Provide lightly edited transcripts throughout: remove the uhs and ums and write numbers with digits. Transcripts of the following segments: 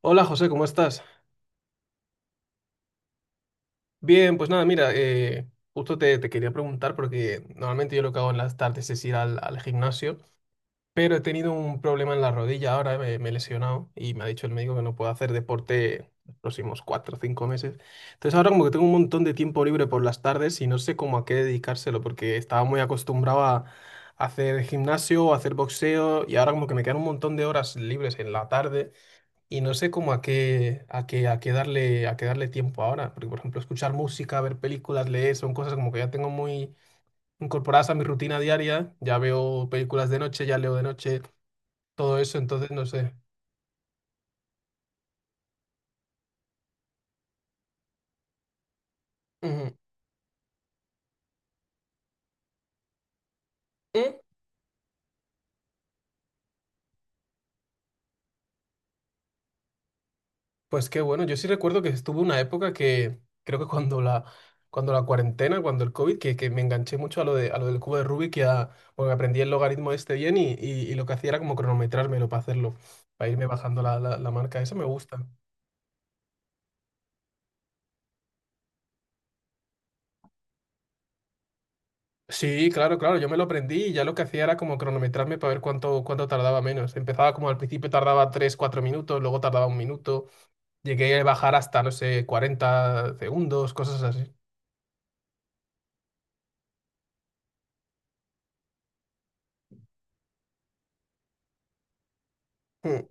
Hola José, ¿cómo estás? Bien, pues nada, mira, justo te quería preguntar porque normalmente yo lo que hago en las tardes es ir al gimnasio, pero he tenido un problema en la rodilla ahora, me he lesionado y me ha dicho el médico que no puedo hacer deporte los próximos 4 o 5 meses. Entonces ahora como que tengo un montón de tiempo libre por las tardes y no sé cómo a qué dedicárselo porque estaba muy acostumbrado a hacer gimnasio o hacer boxeo y ahora como que me quedan un montón de horas libres en la tarde. Y no sé cómo a qué darle tiempo ahora, porque por ejemplo escuchar música, ver películas, leer, son cosas como que ya tengo muy incorporadas a mi rutina diaria, ya veo películas de noche, ya leo de noche, todo eso, entonces no sé. Ujú. Mm. Pues qué bueno, yo sí recuerdo que estuve una época que creo que cuando la cuarentena, cuando el COVID, que me enganché mucho a lo del cubo de Rubik y porque aprendí el logaritmo este bien y lo que hacía era como cronometrármelo para hacerlo, para irme bajando la marca, eso me gusta. Sí, claro, claro, yo me lo aprendí y ya lo que hacía era como cronometrarme para ver cuánto tardaba menos. Empezaba como al principio tardaba 3, 4 minutos, luego tardaba 1 minuto, llegué a bajar hasta, no sé, 40 segundos, cosas así. Mm,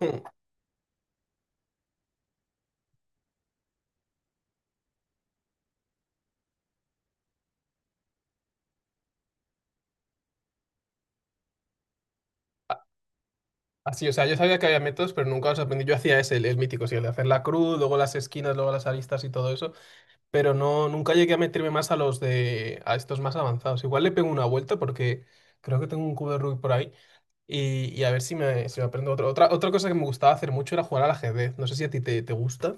mm. Así, o sea, yo sabía que había métodos, pero nunca los aprendí. Yo hacía ese, el mítico, sí, el de hacer la cruz, luego las esquinas, luego las aristas y todo eso. Pero no, nunca llegué a meterme más a los de, a estos más avanzados. Igual le pego una vuelta porque creo que tengo un cubo de Rubik por ahí y a ver si me, aprendo otro. Otra cosa que me gustaba hacer mucho era jugar al ajedrez. No sé si a ti te gusta.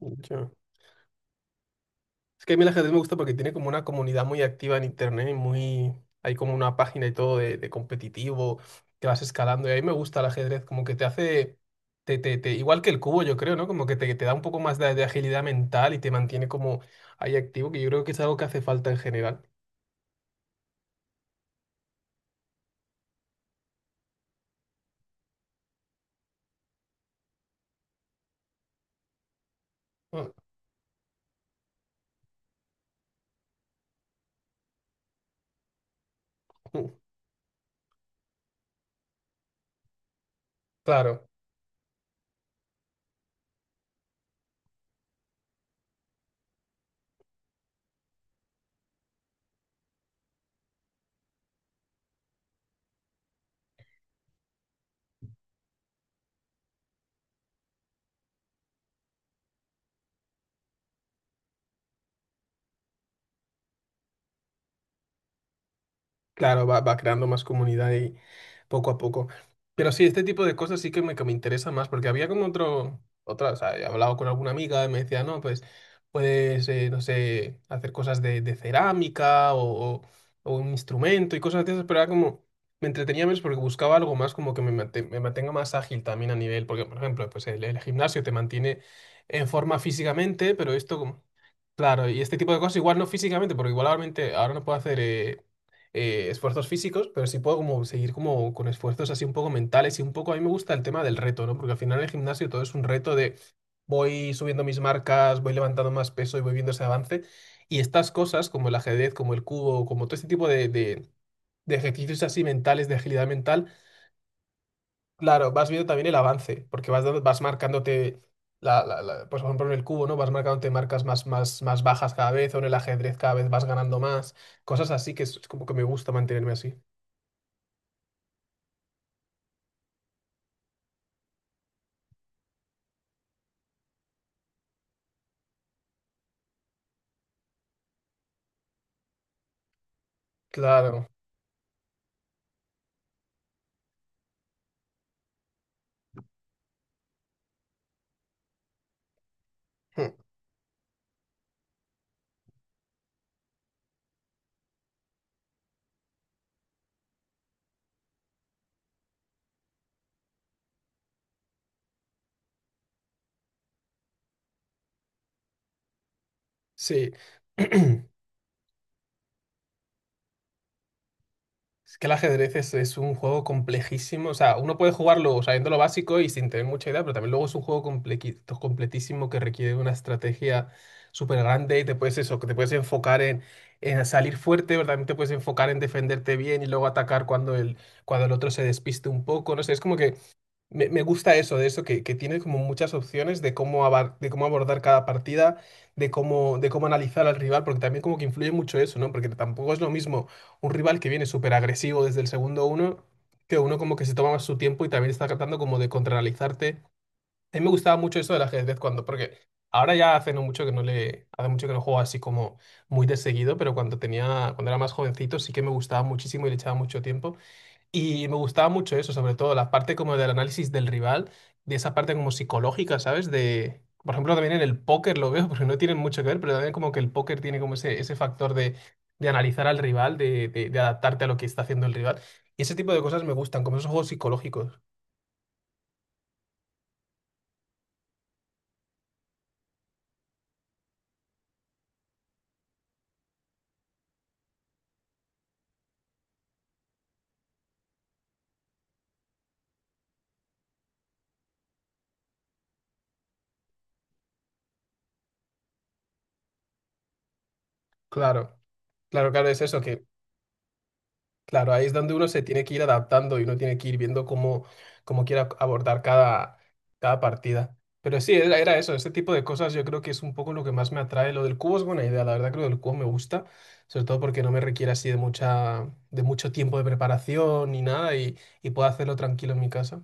Mucho. Es que a mí el ajedrez me gusta porque tiene como una comunidad muy activa en internet y muy. Hay como una página y todo de competitivo que vas escalando y a mí me gusta el ajedrez, como que te hace. Igual que el cubo, yo creo, ¿no? Como que te da un poco más de agilidad mental y te mantiene como ahí activo, que yo creo que es algo que hace falta en general. Ah, mm, claro, claro, va creando más comunidad y poco a poco. Pero sí, este tipo de cosas sí que me, interesa más, porque había como otro, otra, o sea, he hablado con alguna amiga y me decía, no, pues puedes, no sé, hacer cosas de cerámica o un instrumento y cosas de esas, pero era como, me entretenía menos porque buscaba algo más como que me mantenga más ágil también a nivel, porque por ejemplo, pues el gimnasio te mantiene en forma físicamente, pero esto como. Claro, y este tipo de cosas igual no físicamente, porque igualmente ahora no puedo hacer esfuerzos físicos, pero sí puedo como seguir como con esfuerzos así un poco mentales y un poco a mí me gusta el tema del reto, ¿no? Porque al final en el gimnasio todo es un reto de voy subiendo mis marcas, voy levantando más peso y voy viendo ese avance. Y estas cosas como el ajedrez, como el cubo, como todo este tipo de ejercicios así mentales, de agilidad mental, claro, vas viendo también el avance, porque vas marcándote. Pues por ejemplo en el cubo, ¿no? Vas marcándote marcas más bajas cada vez, o en el ajedrez cada vez vas ganando más, cosas así que es como que me gusta mantenerme así. Claro, sí. Es que el ajedrez es un juego complejísimo. O sea, uno puede jugarlo sabiendo lo básico y sin tener mucha idea, pero también luego es un juego completísimo que requiere una estrategia súper grande y te puedes eso, que te puedes enfocar en, salir fuerte, pero también te puedes enfocar en defenderte bien y luego atacar cuando el otro se despiste un poco. No sé, es como que me gusta eso, de eso, que tiene como muchas opciones de cómo, de cómo abordar cada partida, de cómo analizar al rival, porque también como que influye mucho eso, ¿no? Porque tampoco es lo mismo un rival que viene súper agresivo desde el segundo uno, que uno como que se toma más su tiempo y también está tratando como de contraanalizarte. A mí me gustaba mucho eso del ajedrez cuando, porque ahora ya hace no mucho que no le, hace mucho que no juego así como muy de seguido, pero cuando tenía, cuando era más jovencito sí que me gustaba muchísimo y le echaba mucho tiempo. Y me gustaba mucho eso, sobre todo la parte como del análisis del rival, de esa parte como psicológica, ¿sabes? De, por ejemplo, también en el póker lo veo, porque no tienen mucho que ver, pero también como que el póker tiene como ese, factor de analizar al rival, de adaptarte a lo que está haciendo el rival. Y ese tipo de cosas me gustan, como esos juegos psicológicos. Claro, claro, claro, es eso, que claro, ahí es donde uno se tiene que ir adaptando y uno tiene que ir viendo cómo, quiere abordar cada partida. Pero sí, era eso, ese tipo de cosas yo creo que es un poco lo que más me atrae. Lo del cubo es buena idea, la verdad creo que el cubo me gusta, sobre todo porque no me requiere así de mucha, de mucho tiempo de preparación ni nada y puedo hacerlo tranquilo en mi casa.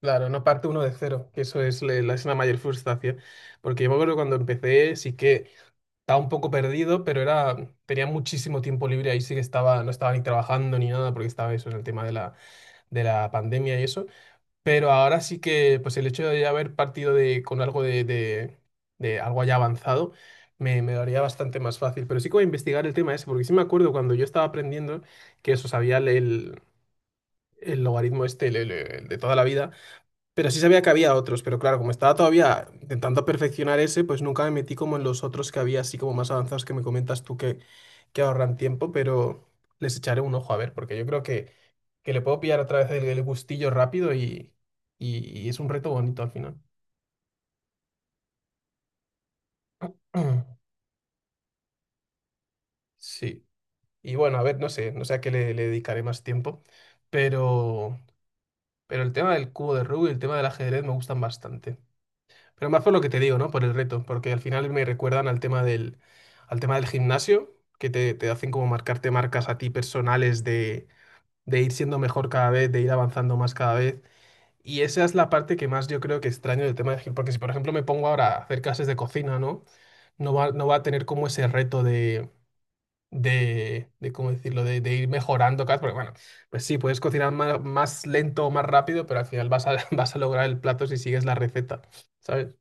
Claro, no parte uno de cero, que eso es, es la mayor frustración. Porque yo me acuerdo cuando empecé, sí que estaba un poco perdido, pero tenía muchísimo tiempo libre, ahí sí que estaba, no estaba ni trabajando ni nada, porque estaba eso en el tema de la, pandemia y eso. Pero ahora sí que, pues el hecho de haber partido con algo de algo ya avanzado, me lo haría bastante más fácil. Pero sí que voy a investigar el tema ese, porque sí me acuerdo cuando yo estaba aprendiendo que eso sabía el logaritmo este el de toda la vida, pero sí sabía que había otros, pero claro, como estaba todavía intentando perfeccionar ese, pues nunca me metí como en los otros que había, así como más avanzados que me comentas tú que, ahorran tiempo, pero les echaré un ojo a ver, porque yo creo que le puedo pillar otra vez el gustillo rápido y es un reto bonito al final. Sí. Y bueno, a ver, no sé a qué le, dedicaré más. Pero más por lo que te digo, ¿no? Por el reto, porque al final me recuerdan al tema del, gimnasio, que te hacen como marcarte marcas a ti personales de ir siendo mejor cada vez, de ir avanzando más cada vez. Y esa es la parte que más yo creo que extraño del tema de gimnasio, porque si por ejemplo me pongo ahora a hacer clases de cocina, ¿no? No va, no va a tener como ese reto de, ¿cómo decirlo?, de ir mejorando cada vez, porque bueno, pues sí, puedes cocinar más lento o más rápido, pero al final vas a, vas a lograr el plato si sigues la receta, ¿sabes?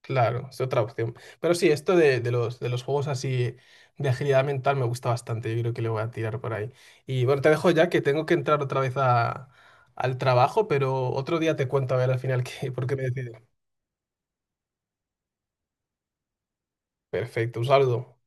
Claro, es otra opción. Pero sí, esto de los juegos así de agilidad mental me gusta bastante. Yo creo que le voy a tirar por ahí. Y bueno, te dejo ya que tengo que entrar otra vez al trabajo, pero otro día te cuento a ver al final por qué me decido. Perfecto, un saludo.